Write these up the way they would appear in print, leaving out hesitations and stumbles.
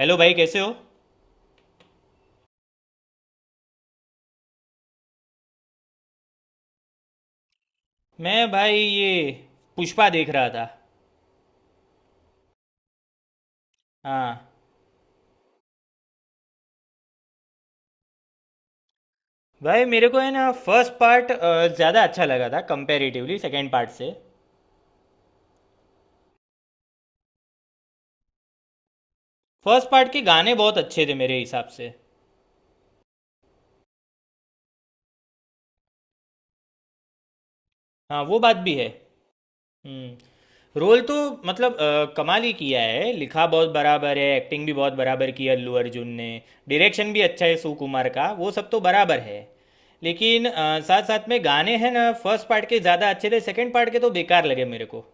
Hello भाई, कैसे हो? मैं भाई, ये पुष्पा देख रहा था। हाँ, भाई मेरे को है ना, फर्स्ट पार्ट ज़्यादा अच्छा लगा था कंपैरेटिवली सेकंड पार्ट से। फर्स्ट पार्ट के गाने बहुत अच्छे थे मेरे हिसाब से। हाँ, वो बात भी है। हम्म। रोल तो मतलब कमाल ही किया है, लिखा बहुत बराबर है, एक्टिंग भी बहुत बराबर की है अल्लू अर्जुन ने। डायरेक्शन भी अच्छा है सुकुमार का, वो सब तो बराबर है। लेकिन साथ साथ में गाने हैं ना, फर्स्ट पार्ट के ज़्यादा अच्छे थे, सेकंड पार्ट के तो बेकार लगे मेरे को।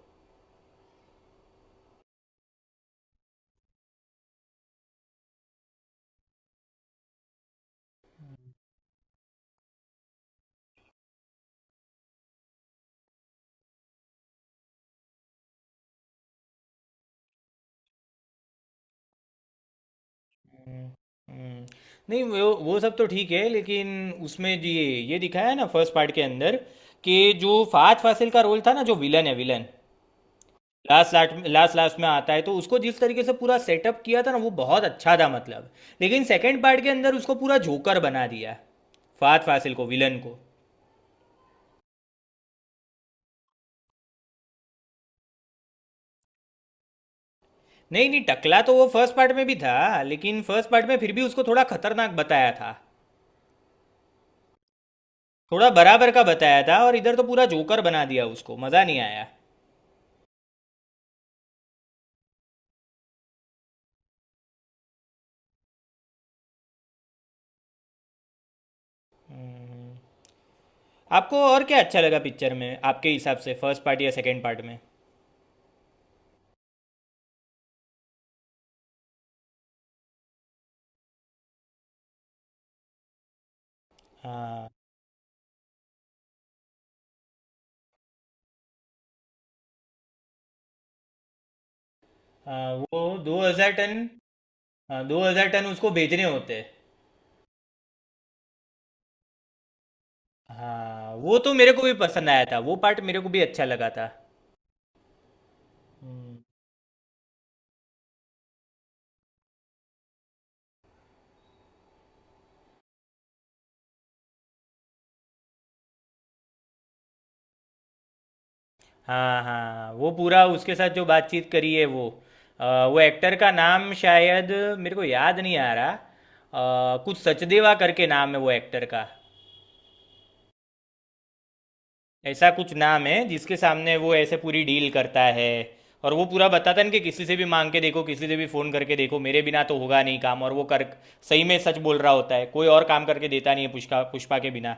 हुँ। नहीं, वो सब तो ठीक है, लेकिन उसमें ये दिखाया है ना फर्स्ट पार्ट के अंदर कि जो फहद फासिल का रोल था ना, जो विलन है, villain last last last last में आता है, तो उसको जिस तरीके से पूरा सेटअप किया था ना, वो बहुत अच्छा था मतलब। लेकिन सेकंड पार्ट के अंदर उसको पूरा जोकर बना दिया, फहद फासिल को, विलन को। नहीं नहीं, टकला तो वो फर्स्ट पार्ट में भी था, लेकिन फर्स्ट पार्ट में फिर भी उसको थोड़ा खतरनाक बताया था। थोड़ा बराबर का बताया था और इधर तो पूरा जोकर बना दिया उसको, मज़ा नहीं आया। आपको और क्या अच्छा लगा पिक्चर में आपके हिसाब से, फर्स्ट पार्ट या सेकंड पार्ट में? हाँ। हाँ, वो 2,000 टन। हाँ, 2,000 टन उसको भेजने होते हैं। हाँ, वो तो मेरे को भी पसंद आया था, वो पार्ट मेरे को भी अच्छा लगा था। हम्म। हाँ हाँ, वो पूरा उसके साथ जो बातचीत करी है वो, वो एक्टर का नाम शायद मेरे को याद नहीं आ रहा, कुछ सचदेवा करके नाम है वो एक्टर का। ऐसा कुछ नाम है, जिसके सामने वो ऐसे पूरी डील करता है। और वो पूरा बताता है ना कि किसी से भी मांग के देखो, किसी से भी फ़ोन करके देखो, मेरे बिना तो होगा नहीं काम। और वो कर सही में सच बोल रहा होता है, कोई और काम करके देता नहीं है पुष्पा, पुष्पा के बिना।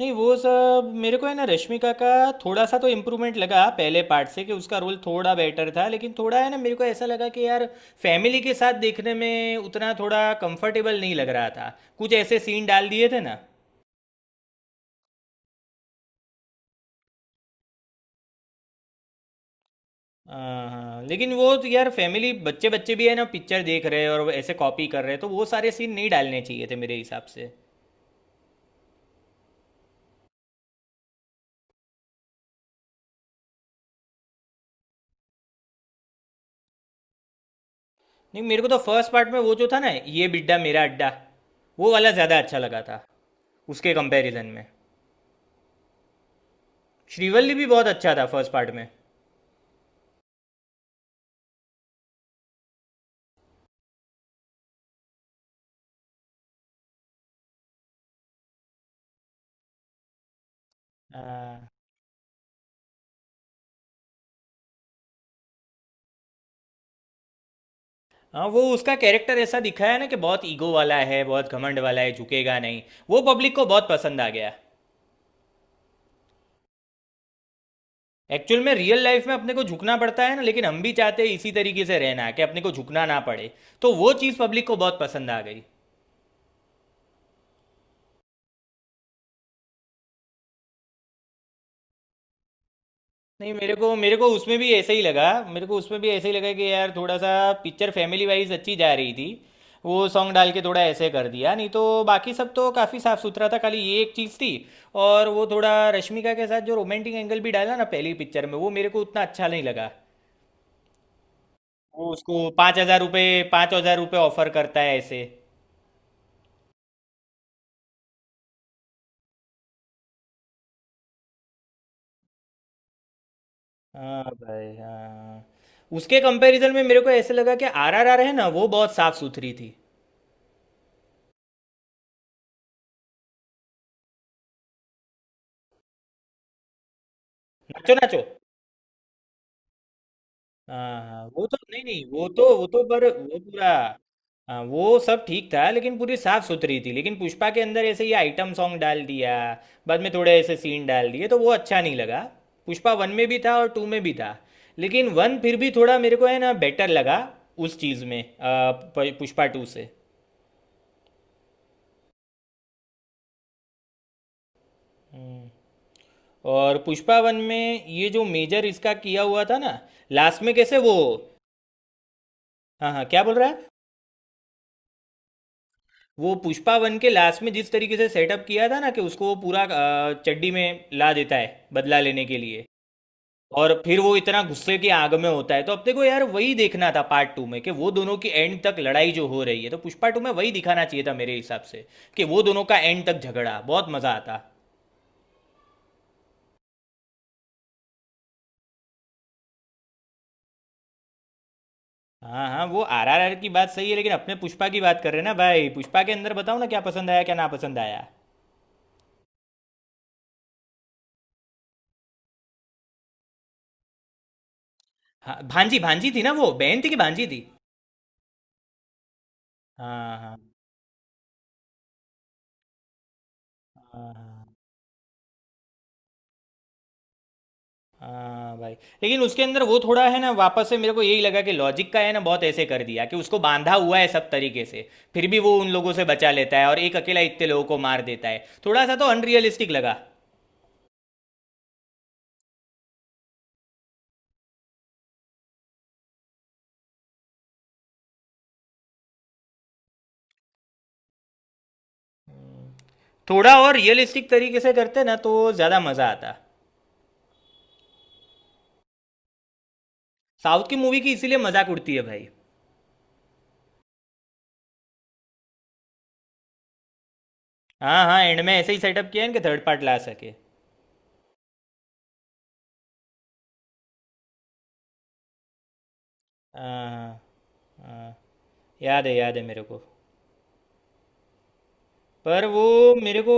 नहीं, वो सब मेरे को है ना, रश्मिका का थोड़ा सा तो इम्प्रूवमेंट लगा पहले पार्ट से, कि उसका रोल थोड़ा बेटर था। लेकिन थोड़ा है ना, मेरे को ऐसा लगा कि यार फैमिली के साथ देखने में उतना थोड़ा कंफर्टेबल नहीं लग रहा था। कुछ ऐसे सीन डाल दिए थे ना। हाँ हाँ, लेकिन वो तो यार फैमिली, बच्चे बच्चे भी है ना पिक्चर देख रहे हैं, और वो ऐसे कॉपी कर रहे हैं, तो वो सारे सीन नहीं डालने चाहिए थे मेरे हिसाब से। नहीं, मेरे को तो फर्स्ट पार्ट में वो जो था ना, ये बिड्डा मेरा अड्डा, वो वाला ज़्यादा अच्छा लगा था उसके कंपैरिजन में। श्रीवल्ली भी बहुत अच्छा था फर्स्ट पार्ट में। हाँ हाँ, वो उसका कैरेक्टर ऐसा दिखाया ना कि बहुत ईगो वाला है, बहुत घमंड वाला है, झुकेगा नहीं, वो पब्लिक को बहुत पसंद आ गया। एक्चुअल में रियल लाइफ में अपने को झुकना पड़ता है ना, लेकिन हम भी चाहते हैं इसी तरीके से रहना कि अपने को झुकना ना पड़े, तो वो चीज़ पब्लिक को बहुत पसंद आ गई। नहीं, मेरे को उसमें भी ऐसे ही लगा। मेरे को उसमें भी ऐसे ही लगा कि यार थोड़ा सा पिक्चर फैमिली वाइज अच्छी जा रही थी, वो सॉन्ग डाल के थोड़ा ऐसे कर दिया, नहीं तो बाकी सब तो काफ़ी साफ सुथरा था, खाली ये एक चीज़ थी। और वो थोड़ा रश्मिका के साथ जो रोमांटिक एंगल भी डाला ना पहली पिक्चर में, वो मेरे को उतना अच्छा नहीं लगा। वो उसको 5,000 रुपये, 5,000 रुपये ऑफर करता है ऐसे। हाँ भाई हाँ। उसके कंपैरिजन में मेरे को ऐसे लगा कि आरआरआर है ना, वो बहुत साफ सुथरी थी। नाचो नाचो। हाँ हाँ, वो तो नहीं नहीं, वो तो पर वो पूरा। हाँ, वो सब ठीक था लेकिन पूरी साफ सुथरी थी। लेकिन पुष्पा के अंदर ऐसे ये आइटम सॉन्ग डाल दिया, बाद में थोड़े ऐसे सीन डाल दिए तो वो अच्छा नहीं लगा। पुष्पा वन में भी था और टू में भी था, लेकिन वन फिर भी थोड़ा मेरे को है ना बेटर लगा उस चीज़ में पुष्पा टू से। हम्म। और पुष्पा वन में ये जो मेजर इसका किया हुआ था ना लास्ट में, कैसे वो। हाँ हाँ, क्या बोल रहा है? वो पुष्पा वन के लास्ट में जिस तरीके से सेटअप किया था ना, कि उसको वो पूरा चड्डी में ला देता है बदला लेने के लिए, और फिर वो इतना गुस्से की आग में होता है, तो अपने को यार वही देखना था पार्ट टू में, कि वो दोनों की एंड तक लड़ाई जो हो रही है। तो पुष्पा टू में वही दिखाना चाहिए था मेरे हिसाब से, कि वो दोनों का एंड तक झगड़ा, बहुत मजा आता। हाँ हाँ, वो आरआरआर की बात सही है, लेकिन अपने पुष्पा की बात कर रहे हैं ना भाई। पुष्पा के अंदर बताओ ना क्या पसंद आया, क्या ना पसंद आया? हाँ, भांजी, भांजी थी ना, वो बहन थी कि भांजी थी? हाँ हाँ हाँ हाँ। हाँ भाई। लेकिन उसके अंदर वो थोड़ा है ना, वापस से मेरे को यही लगा कि लॉजिक का है ना, बहुत ऐसे कर दिया कि उसको बांधा हुआ है सब तरीके से, फिर भी वो उन लोगों से बचा लेता है और एक अकेला इतने लोगों को मार देता है, थोड़ा सा तो अनरियलिस्टिक लगा। थोड़ा और रियलिस्टिक तरीके से करते ना, तो ज़्यादा मज़ा आता। साउथ की मूवी की इसीलिए मजाक उड़ती है भाई। हाँ हाँ, एंड में ऐसे ही सेटअप किया है कि थर्ड पार्ट ला सके। हाँ हाँ हाँ, याद है, याद है मेरे को। पर वो मेरे को।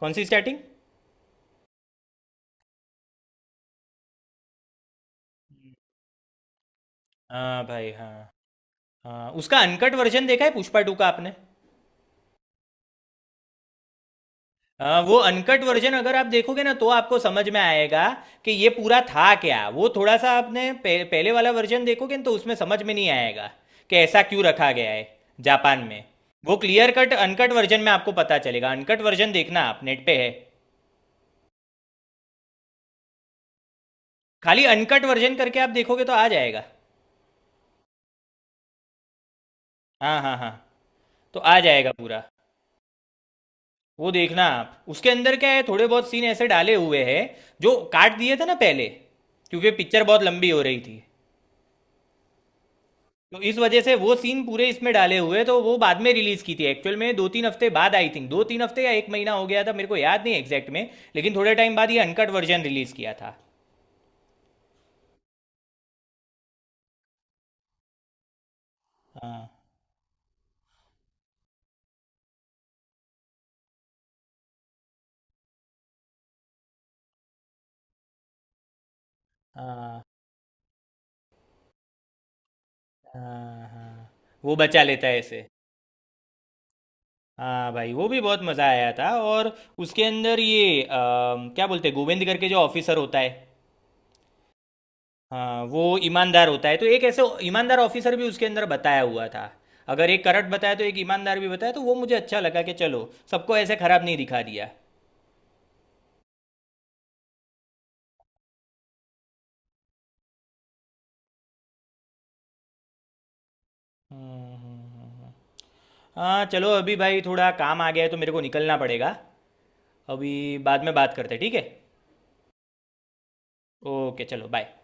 कौन सी स्टार्टिंग? हाँ भाई हाँ। हाँ, उसका अनकट वर्जन देखा है पुष्पा टू का आपने? हाँ, वो अनकट वर्जन अगर आप देखोगे ना, तो आपको समझ में आएगा कि ये पूरा था क्या। वो थोड़ा सा आपने पहले वाला वर्जन देखोगे ना, तो उसमें समझ में नहीं आएगा कि ऐसा क्यों रखा गया है जापान में। वो क्लियर कट अनकट वर्जन में आपको पता चलेगा। अनकट वर्जन देखना आप, नेट पे है। खाली अनकट वर्जन करके आप देखोगे तो आ जाएगा। हाँ हाँ हाँ, तो आ जाएगा पूरा। वो देखना आप, उसके अंदर क्या है, थोड़े बहुत सीन ऐसे डाले हुए हैं जो काट दिए थे ना पहले, क्योंकि पिक्चर बहुत लंबी हो रही थी। तो इस वजह से वो सीन पूरे इसमें डाले हुए हैं, तो वो बाद में रिलीज की थी एक्चुअल में, 2-3 हफ्ते बाद, आई थिंक 2-3 हफ्ते या एक महीना हो गया था, मेरे को याद नहीं एग्जैक्ट में। लेकिन थोड़े टाइम बाद ये अनकट वर्जन रिलीज किया था। हाँ हाँ हाँ हाँ, वो बचा लेता है ऐसे। हाँ भाई, वो भी बहुत मज़ा आया था। और उसके अंदर ये क्या बोलते हैं, गोविंद करके जो ऑफिसर होता है। हाँ, वो ईमानदार होता है, तो एक ऐसे ईमानदार ऑफिसर भी उसके अंदर बताया हुआ था। अगर एक करट बताया तो एक ईमानदार भी बताया, तो वो मुझे अच्छा लगा कि चलो सबको ऐसे खराब नहीं दिखा दिया। हम्म, हम्म। हाँ, चलो अभी भाई थोड़ा काम आ गया है, तो मेरे को निकलना पड़ेगा अभी, बाद में बात करते हैं, ठीक है? ओके, चलो बाय।